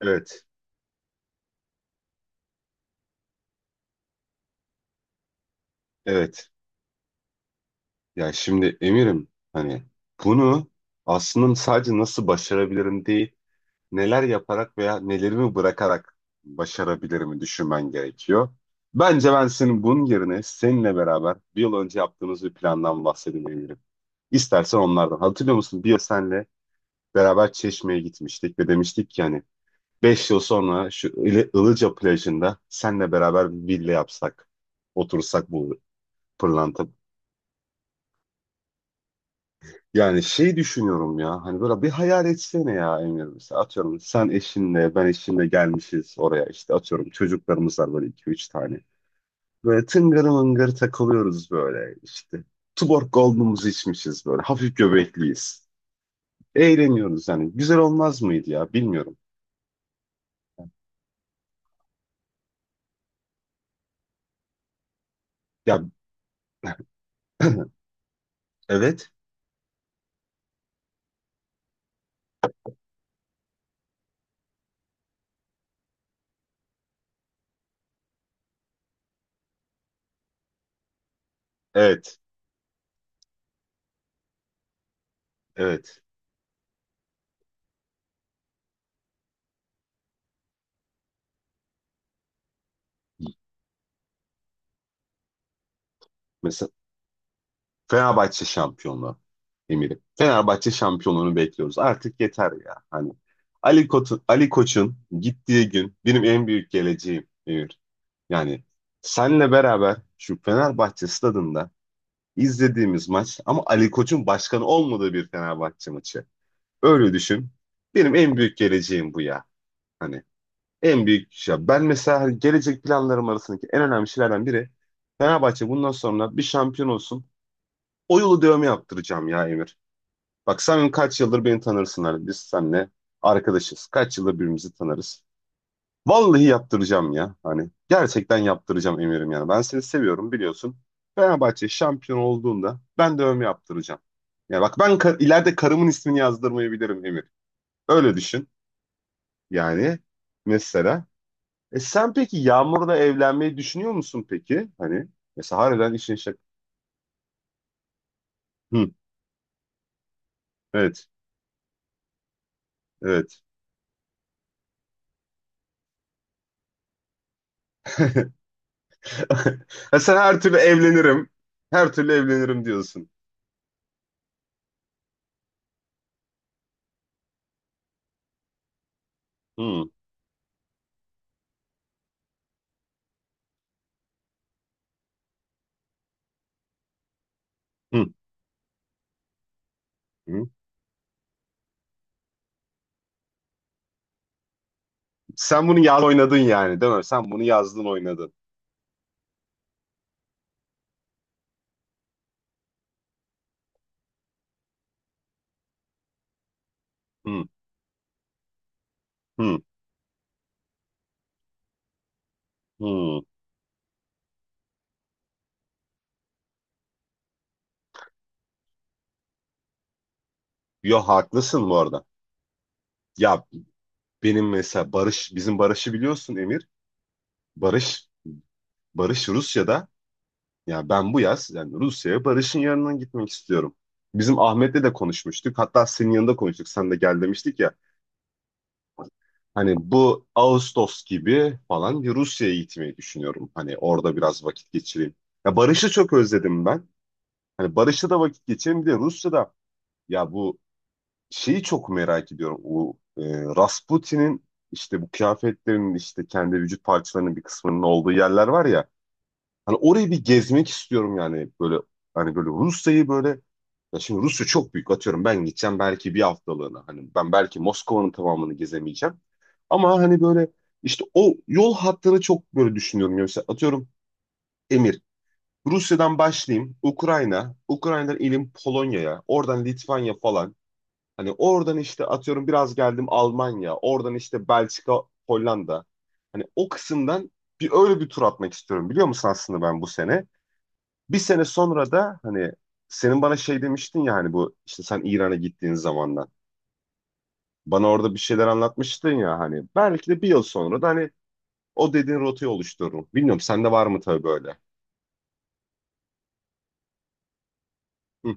Evet, evet. Ya şimdi Emir'im hani bunu aslında sadece nasıl başarabilirim değil, neler yaparak veya nelerimi bırakarak başarabilirimi düşünmen gerekiyor. Bence ben senin bunun yerine seninle beraber bir yıl önce yaptığımız bir plandan bahsedeyim Emir'im. İstersen onlardan. Hatırlıyor musun? Bir yıl senle beraber Çeşme'ye gitmiştik ve demiştik ki hani 5 yıl sonra şu Ilıca plajında senle beraber bir villa yapsak, otursak bu pırlanta. Yani şey düşünüyorum ya hani böyle bir hayal etsene ya Emir, mesela atıyorum sen eşinle ben eşimle gelmişiz oraya, işte atıyorum çocuklarımız var böyle iki üç tane. Böyle tıngır mıngır takılıyoruz böyle, işte Tuborg Gold'umuzu içmişiz böyle hafif göbekliyiz. Eğleniyoruz yani, güzel olmaz mıydı ya, bilmiyorum. Ya evet, evet, evet. Mesela Fenerbahçe şampiyonluğu Emir'im. Fenerbahçe şampiyonluğunu bekliyoruz. Artık yeter ya. Hani Ali Koç'un gittiği gün benim en büyük geleceğim Emir. Yani senle beraber şu Fenerbahçe stadında izlediğimiz maç, ama Ali Koç'un başkanı olmadığı bir Fenerbahçe maçı. Öyle düşün. Benim en büyük geleceğim bu ya. Hani en büyük şey. Ben mesela hani gelecek planlarım arasındaki en önemli şeylerden biri Fenerbahçe bundan sonra bir şampiyon olsun. O yolu dövme yaptıracağım ya Emir. Bak sen kaç yıldır beni tanırsın, hani biz seninle arkadaşız. Kaç yıldır birbirimizi tanırız. Vallahi yaptıracağım ya. Hani gerçekten yaptıracağım Emir'im yani. Ben seni seviyorum biliyorsun. Fenerbahçe şampiyon olduğunda ben de övme yaptıracağım. Ya bak ben ileride karımın ismini yazdırmayabilirim Emir. Öyle düşün. Yani mesela. E, sen peki Yağmur'la evlenmeyi düşünüyor musun peki? Hani mesela harbiden işin şak. Hı, evet. Evet. Ha, sen her türlü evlenirim. Her türlü evlenirim diyorsun. Hı, hı, hı. Sen bunu yaz oynadın yani değil mi? Sen bunu yazdın oynadın. Hı, hı, hı. Yo, haklısın bu arada. Ya benim mesela Barış, bizim Barış'ı biliyorsun Emir. Barış, Barış Rusya'da. Ya ben bu yaz yani Rusya'ya Barış'ın yanına gitmek istiyorum. Bizim Ahmet'le de konuşmuştuk. Hatta senin yanında konuştuk. Sen de gel demiştik ya. Hani bu Ağustos gibi falan bir Rusya'ya gitmeyi düşünüyorum. Hani orada biraz vakit geçireyim. Ya Barış'ı çok özledim ben. Hani Barış'la da vakit geçireyim. Bir de Rusya'da ya bu şeyi çok merak ediyorum. O Rasputin'in işte bu kıyafetlerinin, işte kendi vücut parçalarının bir kısmının olduğu yerler var ya. Hani orayı bir gezmek istiyorum yani, böyle hani böyle Rusya'yı böyle, ya şimdi Rusya çok büyük, atıyorum ben gideceğim belki bir haftalığına. Hani ben belki Moskova'nın tamamını gezemeyeceğim. Ama hani böyle işte o yol hattını çok böyle düşünüyorum. Ya mesela atıyorum Emir. Rusya'dan başlayayım Ukrayna, Ukrayna'dan ilim Polonya'ya, oradan Litvanya falan. Hani oradan işte atıyorum biraz geldim Almanya, oradan işte Belçika, Hollanda. Hani o kısımdan bir öyle bir tur atmak istiyorum biliyor musun aslında, ben bu sene. Bir sene sonra da hani senin bana şey demiştin ya, hani bu işte sen İran'a gittiğin zamandan. Bana orada bir şeyler anlatmıştın ya, hani belki de bir yıl sonra da hani o dediğin rotayı oluştururum. Bilmiyorum sende var mı tabii böyle? Hı,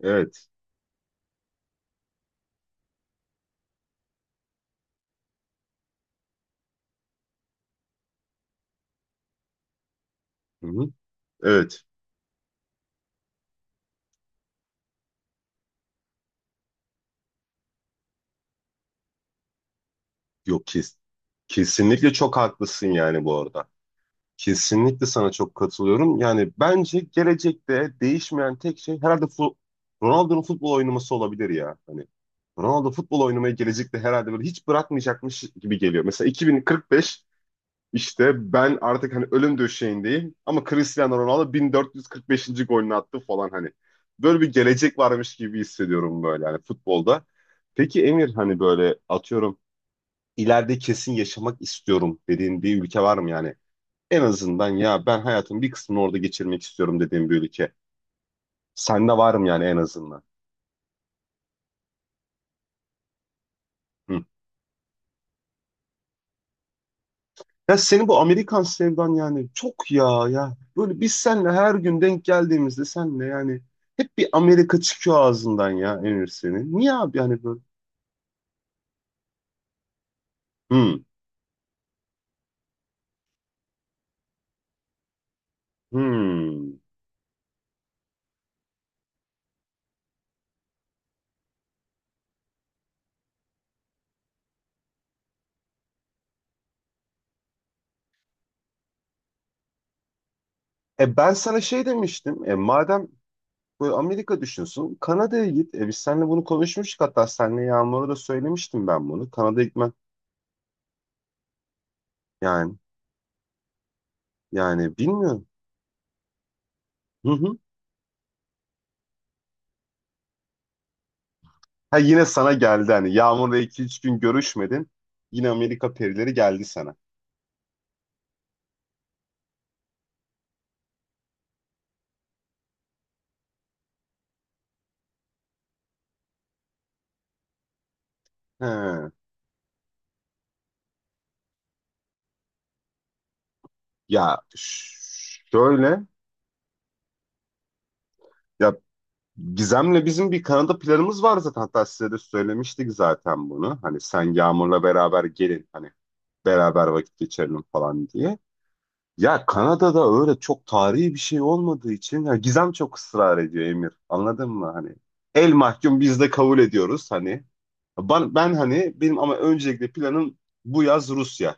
evet. Hı hı, evet. Yok, kes. Kesinlikle çok haklısın yani bu arada. Kesinlikle sana çok katılıyorum. Yani bence gelecekte değişmeyen tek şey herhalde Ronaldo'nun futbol oynaması olabilir ya. Hani Ronaldo futbol oynamayı gelecekte herhalde böyle hiç bırakmayacakmış gibi geliyor. Mesela 2045. İşte ben artık hani ölüm döşeğindeyim ama Cristiano Ronaldo 1445. golünü attı falan hani. Böyle bir gelecek varmış gibi hissediyorum böyle hani futbolda. Peki Emir hani böyle atıyorum ileride kesin yaşamak istiyorum dediğin bir ülke var mı yani? En azından ya ben hayatımın bir kısmını orada geçirmek istiyorum dediğin bir ülke. Sende var mı yani en azından? Hı. Ya senin bu Amerikan sevdan yani çok, ya ya. Böyle biz seninle her gün denk geldiğimizde senle yani hep bir Amerika çıkıyor ağzından ya Emir senin. Niye abi yani böyle? Hmm, hmm. E ben sana şey demiştim. E madem böyle Amerika düşünsün Kanada'ya git. E biz seninle bunu konuşmuştuk, hatta seninle Yağmur'a da söylemiştim ben bunu. Kanada'ya gitmem yani yani bilmiyorum. Hı hı. Ha, yine sana geldi hani Yağmur'la iki üç gün görüşmedin. Yine Amerika perileri geldi sana. He. Ya şöyle ya Gizem'le bizim bir Kanada planımız var zaten. Hatta size de söylemiştik zaten bunu. Hani sen Yağmur'la beraber gelin hani beraber vakit geçirelim falan diye. Ya Kanada'da öyle çok tarihi bir şey olmadığı için ya Gizem çok ısrar ediyor Emir. Anladın mı? Hani el mahkum biz de kabul ediyoruz hani. Ben hani benim ama öncelikle planım bu yaz Rusya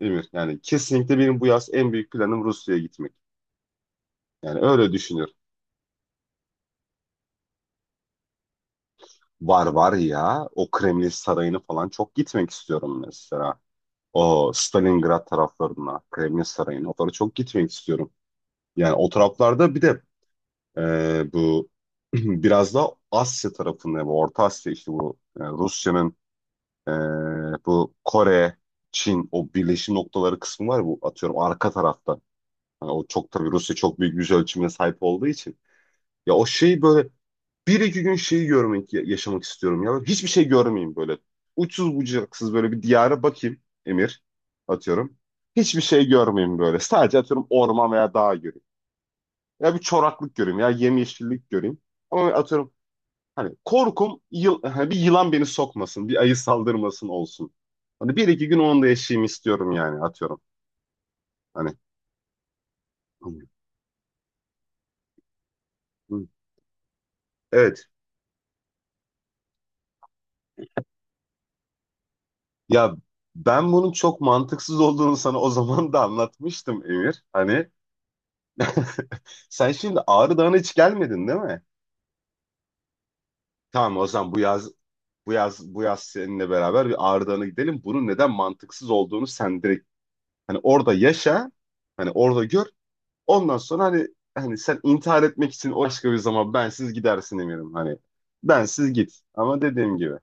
Emir. Yani kesinlikle benim bu yaz en büyük planım Rusya'ya gitmek. Yani öyle düşünüyorum. Var var ya. O Kremlin Sarayı'nı falan çok gitmek istiyorum mesela. O Stalingrad taraflarına, Kremlin Sarayı'na. Oralara çok gitmek istiyorum. Yani o taraflarda bir de bu biraz da Asya tarafında, bu Orta Asya işte bu Rusya'nın e, bu Kore, Çin o birleşim noktaları kısmı var ya, bu atıyorum arka tarafta. Hani o çok tabii Rusya çok büyük yüz ölçümüne sahip olduğu için. Ya o şey böyle bir iki gün şeyi görmek, yaşamak istiyorum ya. Hiçbir şey görmeyeyim böyle. Uçsuz bucaksız böyle bir diyara bakayım Emir, atıyorum. Hiçbir şey görmeyeyim böyle. Sadece atıyorum orman veya dağ göreyim. Ya bir çoraklık göreyim ya yemyeşillik göreyim. Ama atıyorum hani korkum hani bir yılan beni sokmasın, bir ayı saldırmasın olsun. Hani bir iki gün onu da yaşayayım istiyorum yani atıyorum. Hani. Hı. Evet, ya ben bunun çok mantıksız olduğunu sana o zaman da anlatmıştım Emir. Hani sen şimdi Ağrı Dağı'na hiç gelmedin değil mi? Tamam, o zaman bu yaz seninle beraber bir Ağrı Dağı'na gidelim. Bunun neden mantıksız olduğunu sen direkt hani orada yaşa, hani orada gör. Ondan sonra hani sen intihar etmek için o başka bir zaman bensiz gidersin eminim hani. Bensiz git. Ama dediğim gibi.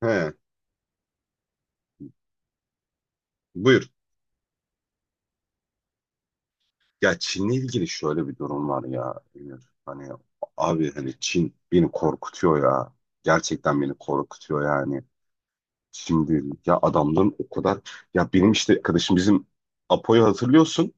He, buyur. Ya Çin'le ilgili şöyle bir durum var ya Emir. Hani abi hani Çin beni korkutuyor ya. Gerçekten beni korkutuyor yani. Şimdi ya adamların o kadar, ya benim işte arkadaşım bizim Apo'yu hatırlıyorsun.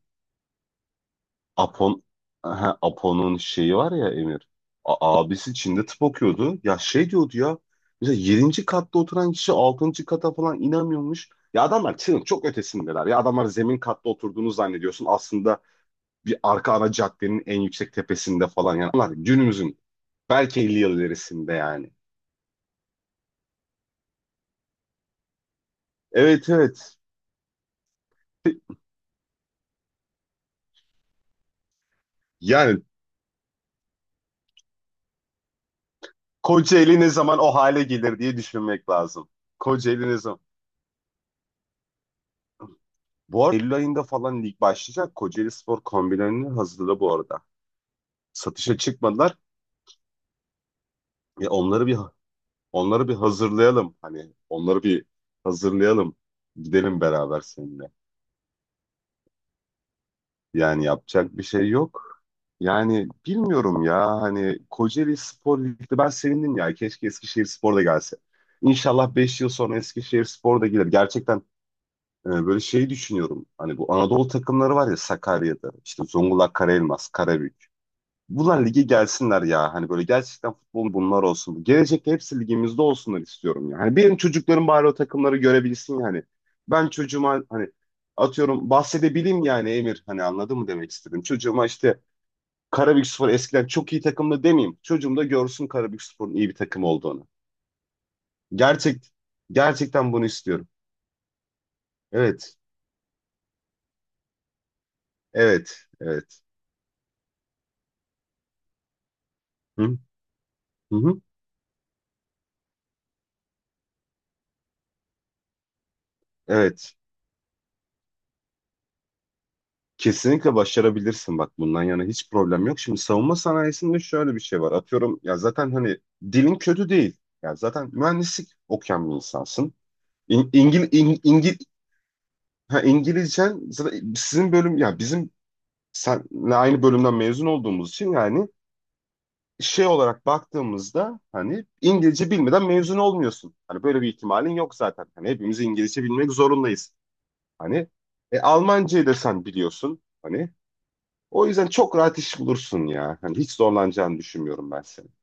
Apon ha, Apo'nun şeyi var ya Emir. Abisi Çin'de tıp okuyordu. Ya şey diyordu ya. Mesela yedinci katta oturan kişi altıncı kata falan inemiyormuş. Ya adamlar Çin'in çok ötesindeler. Ya adamlar zemin katta oturduğunu zannediyorsun. Aslında bir arka ana caddenin en yüksek tepesinde falan. Yani onlar günümüzün belki 50 yıl ilerisinde yani. Evet, evet. Yani Kocaeli ne zaman o hale gelir diye düşünmek lazım. Kocaeli ne zaman? Bu arada Eylül ayında falan lig başlayacak. Kocaeli Spor kombilerini hazırladı bu arada. Satışa çıkmadılar. Ya onları bir hazırlayalım. Hani onları bir hazırlayalım. Gidelim beraber seninle. Yani yapacak bir şey yok. Yani bilmiyorum ya hani Kocaeli Spor Lig'de ben sevindim ya. Keşke Eskişehir Spor da gelse. İnşallah 5 yıl sonra Eskişehir Spor da gelir. Gerçekten böyle şeyi düşünüyorum. Hani bu Anadolu takımları var ya Sakarya'da. İşte Zonguldak, Karaelmas, Karabük. Bunlar lige gelsinler ya. Hani böyle gerçekten futbol bunlar olsun. Gelecekte hepsi ligimizde olsunlar istiyorum ya. Hani benim çocuklarım bari o takımları görebilsin yani. Ben çocuğuma hani atıyorum bahsedebileyim yani Emir. Hani anladın mı, demek istedim. Çocuğuma işte Karabükspor eskiden çok iyi takımdı demeyeyim. Çocuğum da görsün Karabükspor'un iyi bir takım olduğunu. Gerçek Gerçekten bunu istiyorum. Evet. Evet. Evet. Hı? Hı hı. Evet. Kesinlikle başarabilirsin, bak bundan yana hiç problem yok. Şimdi savunma sanayisinde şöyle bir şey var. Atıyorum ya zaten hani dilin kötü değil. Ya zaten mühendislik okuyan bir insansın. İn, İngil, İng- İngil, ha, İngilizcen zaten sizin bölüm ya bizim senle aynı bölümden mezun olduğumuz için yani, şey olarak baktığımızda hani İngilizce bilmeden mezun olmuyorsun. Hani böyle bir ihtimalin yok zaten. Hani hepimiz İngilizce bilmek zorundayız. Hani Almancayı da sen biliyorsun. Hani o yüzden çok rahat iş bulursun ya. Hani hiç zorlanacağını düşünmüyorum ben seni.